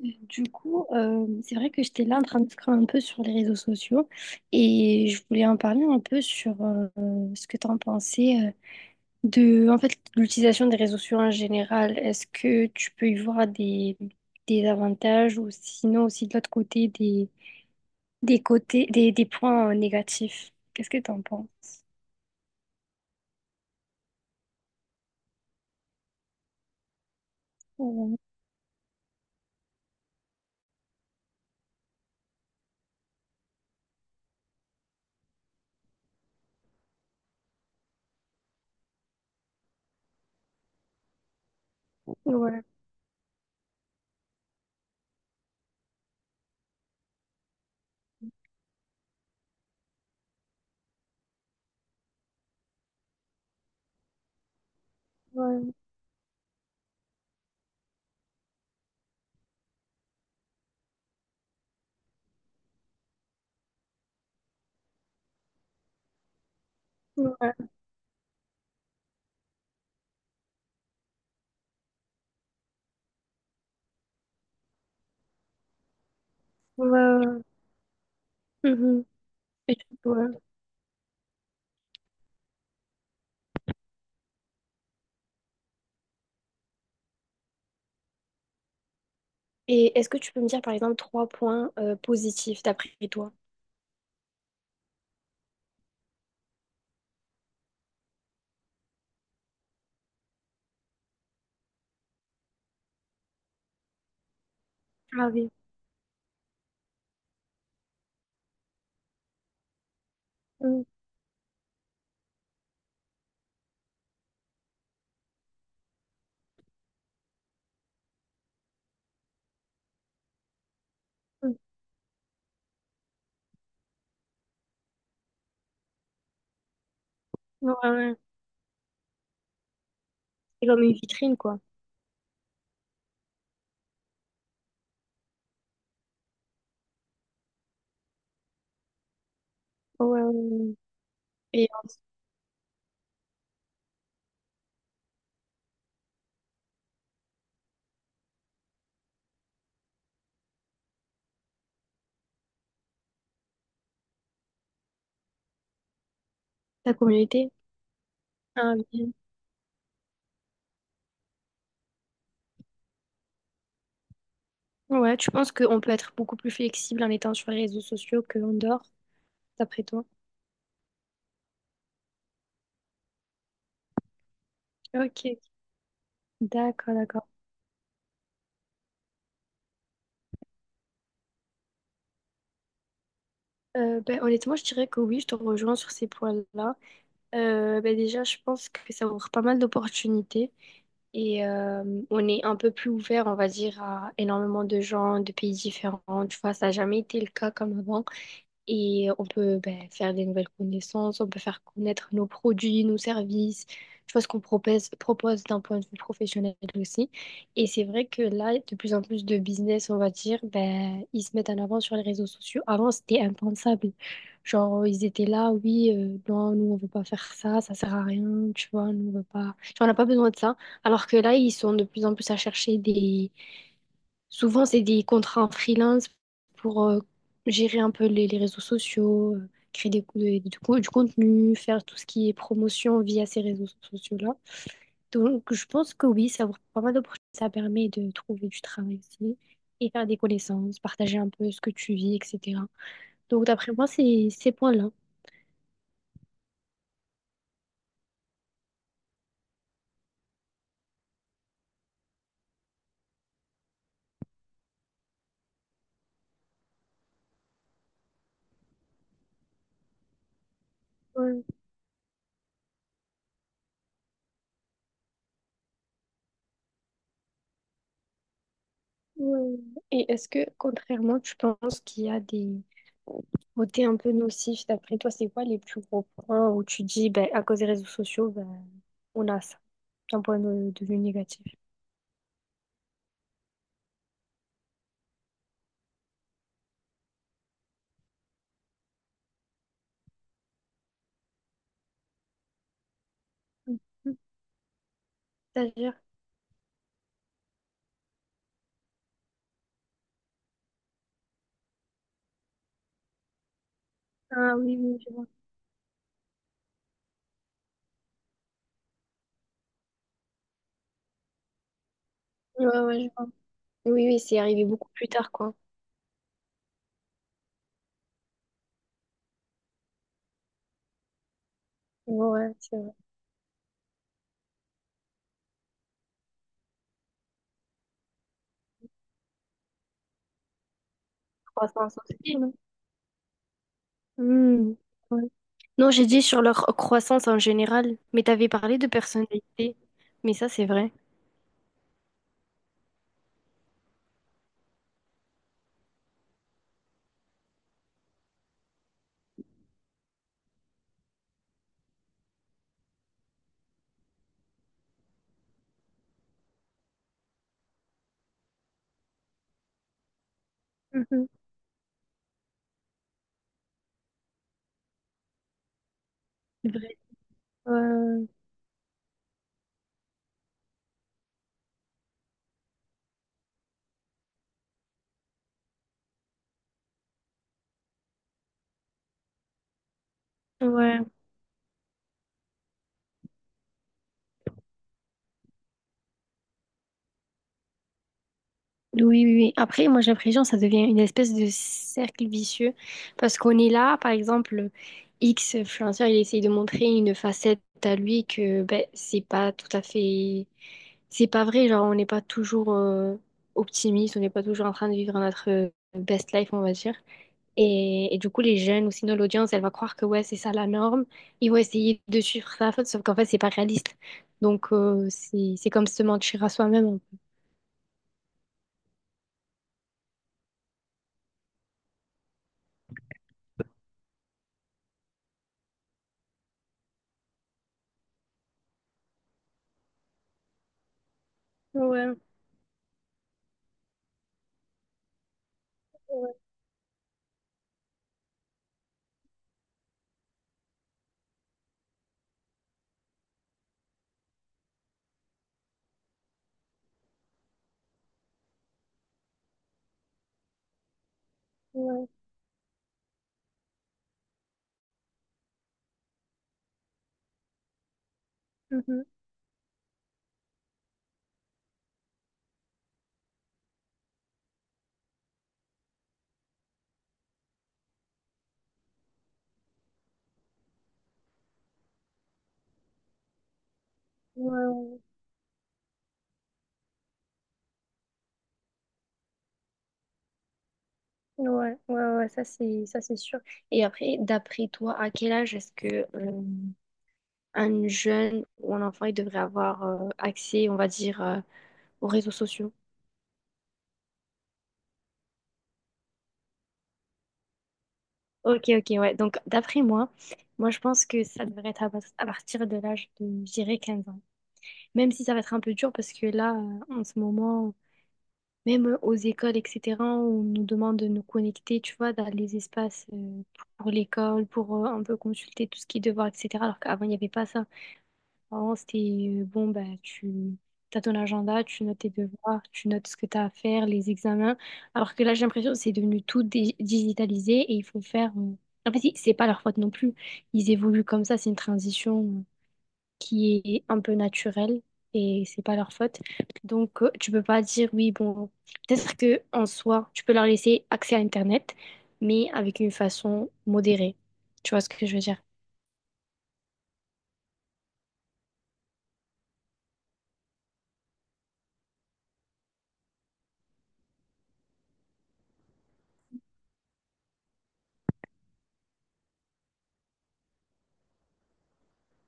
Du coup, c'est vrai que j'étais là en train de scroller un peu sur les réseaux sociaux, et je voulais en parler un peu sur ce que tu en pensais, de, en fait, l'utilisation des réseaux sociaux en général. Est-ce que tu peux y voir des avantages, ou sinon aussi, de l'autre côté, des points négatifs? Qu'est-ce que tu en penses? Ouais, ouais, ouais, ouais, ouais. Mhm. Et, ouais. Et est-ce que tu peux me dire par exemple trois points positifs d'après toi? Ah oui. Mm, mm. Ouais, ouais. C'est comme une vitrine, quoi. Ouais, ouais, ouais. Et ta communauté. Ah oui. Ouais, tu penses qu'on peut être beaucoup plus flexible en étant sur les réseaux sociaux qu'en dehors, d'après toi? Ok, d'accord, d'accord. Ben, honnêtement, je dirais que oui, je te rejoins sur ces points-là. Ben, déjà, je pense que ça ouvre pas mal d'opportunités, et on est un peu plus ouvert, on va dire, à énormément de gens, de pays différents. Tu vois, ça n'a jamais été le cas comme avant. Et on peut, ben, faire des nouvelles connaissances, on peut faire connaître nos produits, nos services, tu vois, ce qu'on propose, propose d'un point de vue professionnel aussi. Et c'est vrai que là, de plus en plus de business, on va dire, ben, ils se mettent en avant sur les réseaux sociaux. Avant, c'était impensable. Genre, ils étaient là, oui, non, nous, on veut pas faire ça, ça sert à rien, tu vois, nous, on veut pas. Genre, on n'a pas besoin de ça. Alors que là, ils sont de plus en plus à chercher des. Souvent, c'est des contrats en freelance pour gérer un peu les réseaux sociaux, créer du contenu, faire tout ce qui est promotion via ces réseaux sociaux-là. Donc, je pense que oui, ça ouvre pas mal d'opportunités. Ça permet de trouver du travail aussi, et faire des connaissances, partager un peu ce que tu vis, etc. Donc, d'après moi, c'est ces points-là. Ouais. Et est-ce que, contrairement, tu penses qu'il y a des côtés un peu nocifs? D'après toi, c'est quoi les plus gros points où tu dis, ben, à cause des réseaux sociaux, ben, on a ça, d'un point de vue négatif? Mhm. C'est-à-dire? Ah oui, oui, je vois. Ouais, ouais, je vois. Oui, oui, c'est arrivé beaucoup plus tard, quoi. Ouais, c'est vrai. Croissance aussi, non? Hmm. Ouais. Non, j'ai dit sur leur croissance en général, mais t'avais parlé de personnalité. Mais ça, c'est vrai. Mhm. C'est vrai. Euh, ouais. Oui, oui, oui. Après, moi, j'ai l'impression que ça devient une espèce de cercle vicieux, parce qu'on est là, par exemple, X influenceur, il essaye de montrer une facette à lui que, ben, c'est pas tout à fait. C'est pas vrai, genre on n'est pas toujours optimiste, on n'est pas toujours en train de vivre notre best life, on va dire. Et du coup, les jeunes ou sinon l'audience, elle va croire que ouais, c'est ça la norme. Ils vont essayer de suivre ça, sauf qu'en fait, c'est pas réaliste. Donc, c'est comme se mentir à soi-même. Ouais, ouais, ouais, mhm, ouais, ouais, ouais, ouais, ouais, ça c'est sûr. Et après, d'après toi, à quel âge est-ce que un jeune ou un enfant il devrait avoir accès, on va dire, aux réseaux sociaux? Ok, ok, ouais. Donc, d'après moi, moi, je pense que ça devrait être à, pas- à partir de l'âge de, je dirais, 15 ans. Même si ça va être un peu dur, parce que là, en ce moment, même aux écoles, etc., on nous demande de nous connecter, tu vois, dans les espaces pour l'école, pour un peu consulter tout ce qui est devoir, etc. Alors qu'avant, il n'y avait pas ça. Avant, c'était bon, bah, tu as ton agenda, tu notes tes devoirs, tu notes ce que tu as à faire, les examens. Alors que là, j'ai l'impression que c'est devenu tout digitalisé, et il faut faire. En fait, c'est pas leur faute non plus. Ils évoluent comme ça, c'est une transition qui est un peu naturelle, et c'est pas leur faute. Donc, tu peux pas dire oui, bon, peut-être que en soi, tu peux leur laisser accès à Internet, mais avec une façon modérée. Tu vois ce que je veux dire?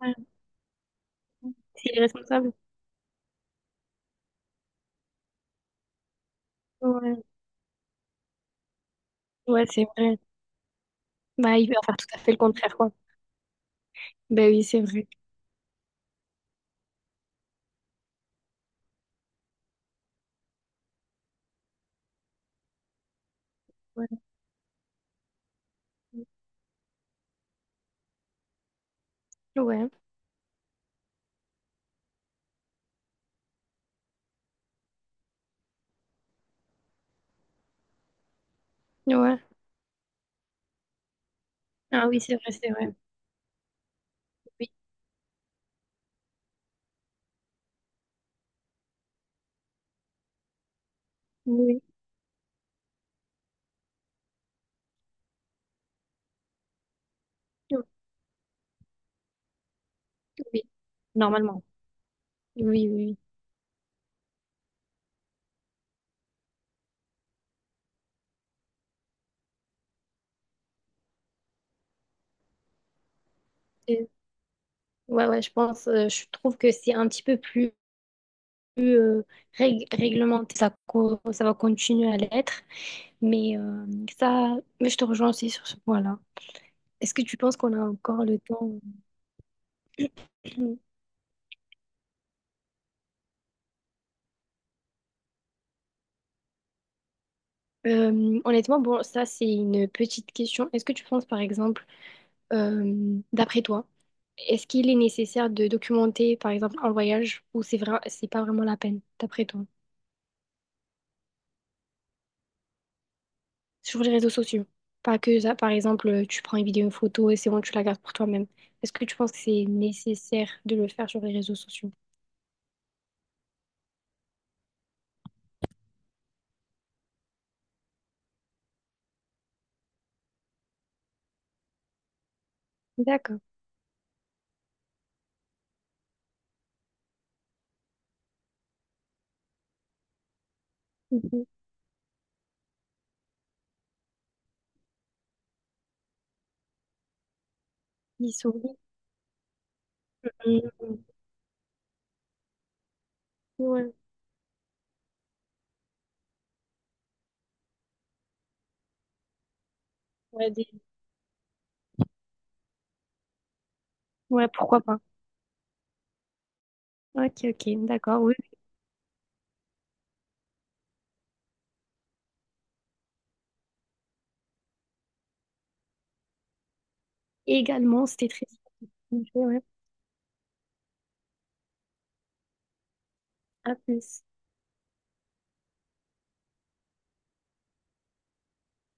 Ouais. C'est irresponsable. Ouais, ouais, c'est vrai. Bah, il va faire tout à fait le contraire, quoi. Bah oui, c'est vrai. Ouais. Ouais. Ouais. Ah oui, c'est vrai, c'est vrai. Oui. Oui. Oui. Oui. Normalement. Oui, oui. Oui. Et- Ouais, ouais, je pense, je trouve que c'est un petit peu plus euh, réglementé. Ça va continuer à l'être. Mais euh, mais je te rejoins aussi sur ce point-là. Est-ce que tu penses qu'on a encore le temps? Honnêtement, bon, ça, c'est une petite question. Est-ce que tu penses, par exemple. D'après toi, est-ce qu'il est nécessaire de documenter, par exemple, un voyage, ou c'est vrai, c'est pas vraiment la peine d'après toi, sur les réseaux sociaux? Pas que ça, par exemple, tu prends une vidéo, une photo et c'est bon, tu la gardes pour toi-même. Est-ce que tu penses que c'est nécessaire de le faire sur les réseaux sociaux? D'accord. Mhm. Ils sont... Mhm. Ouais. Ouais, ouais, pourquoi pas. Ok, ok, d'accord, oui. Également, c'était très... Ouais. À plus.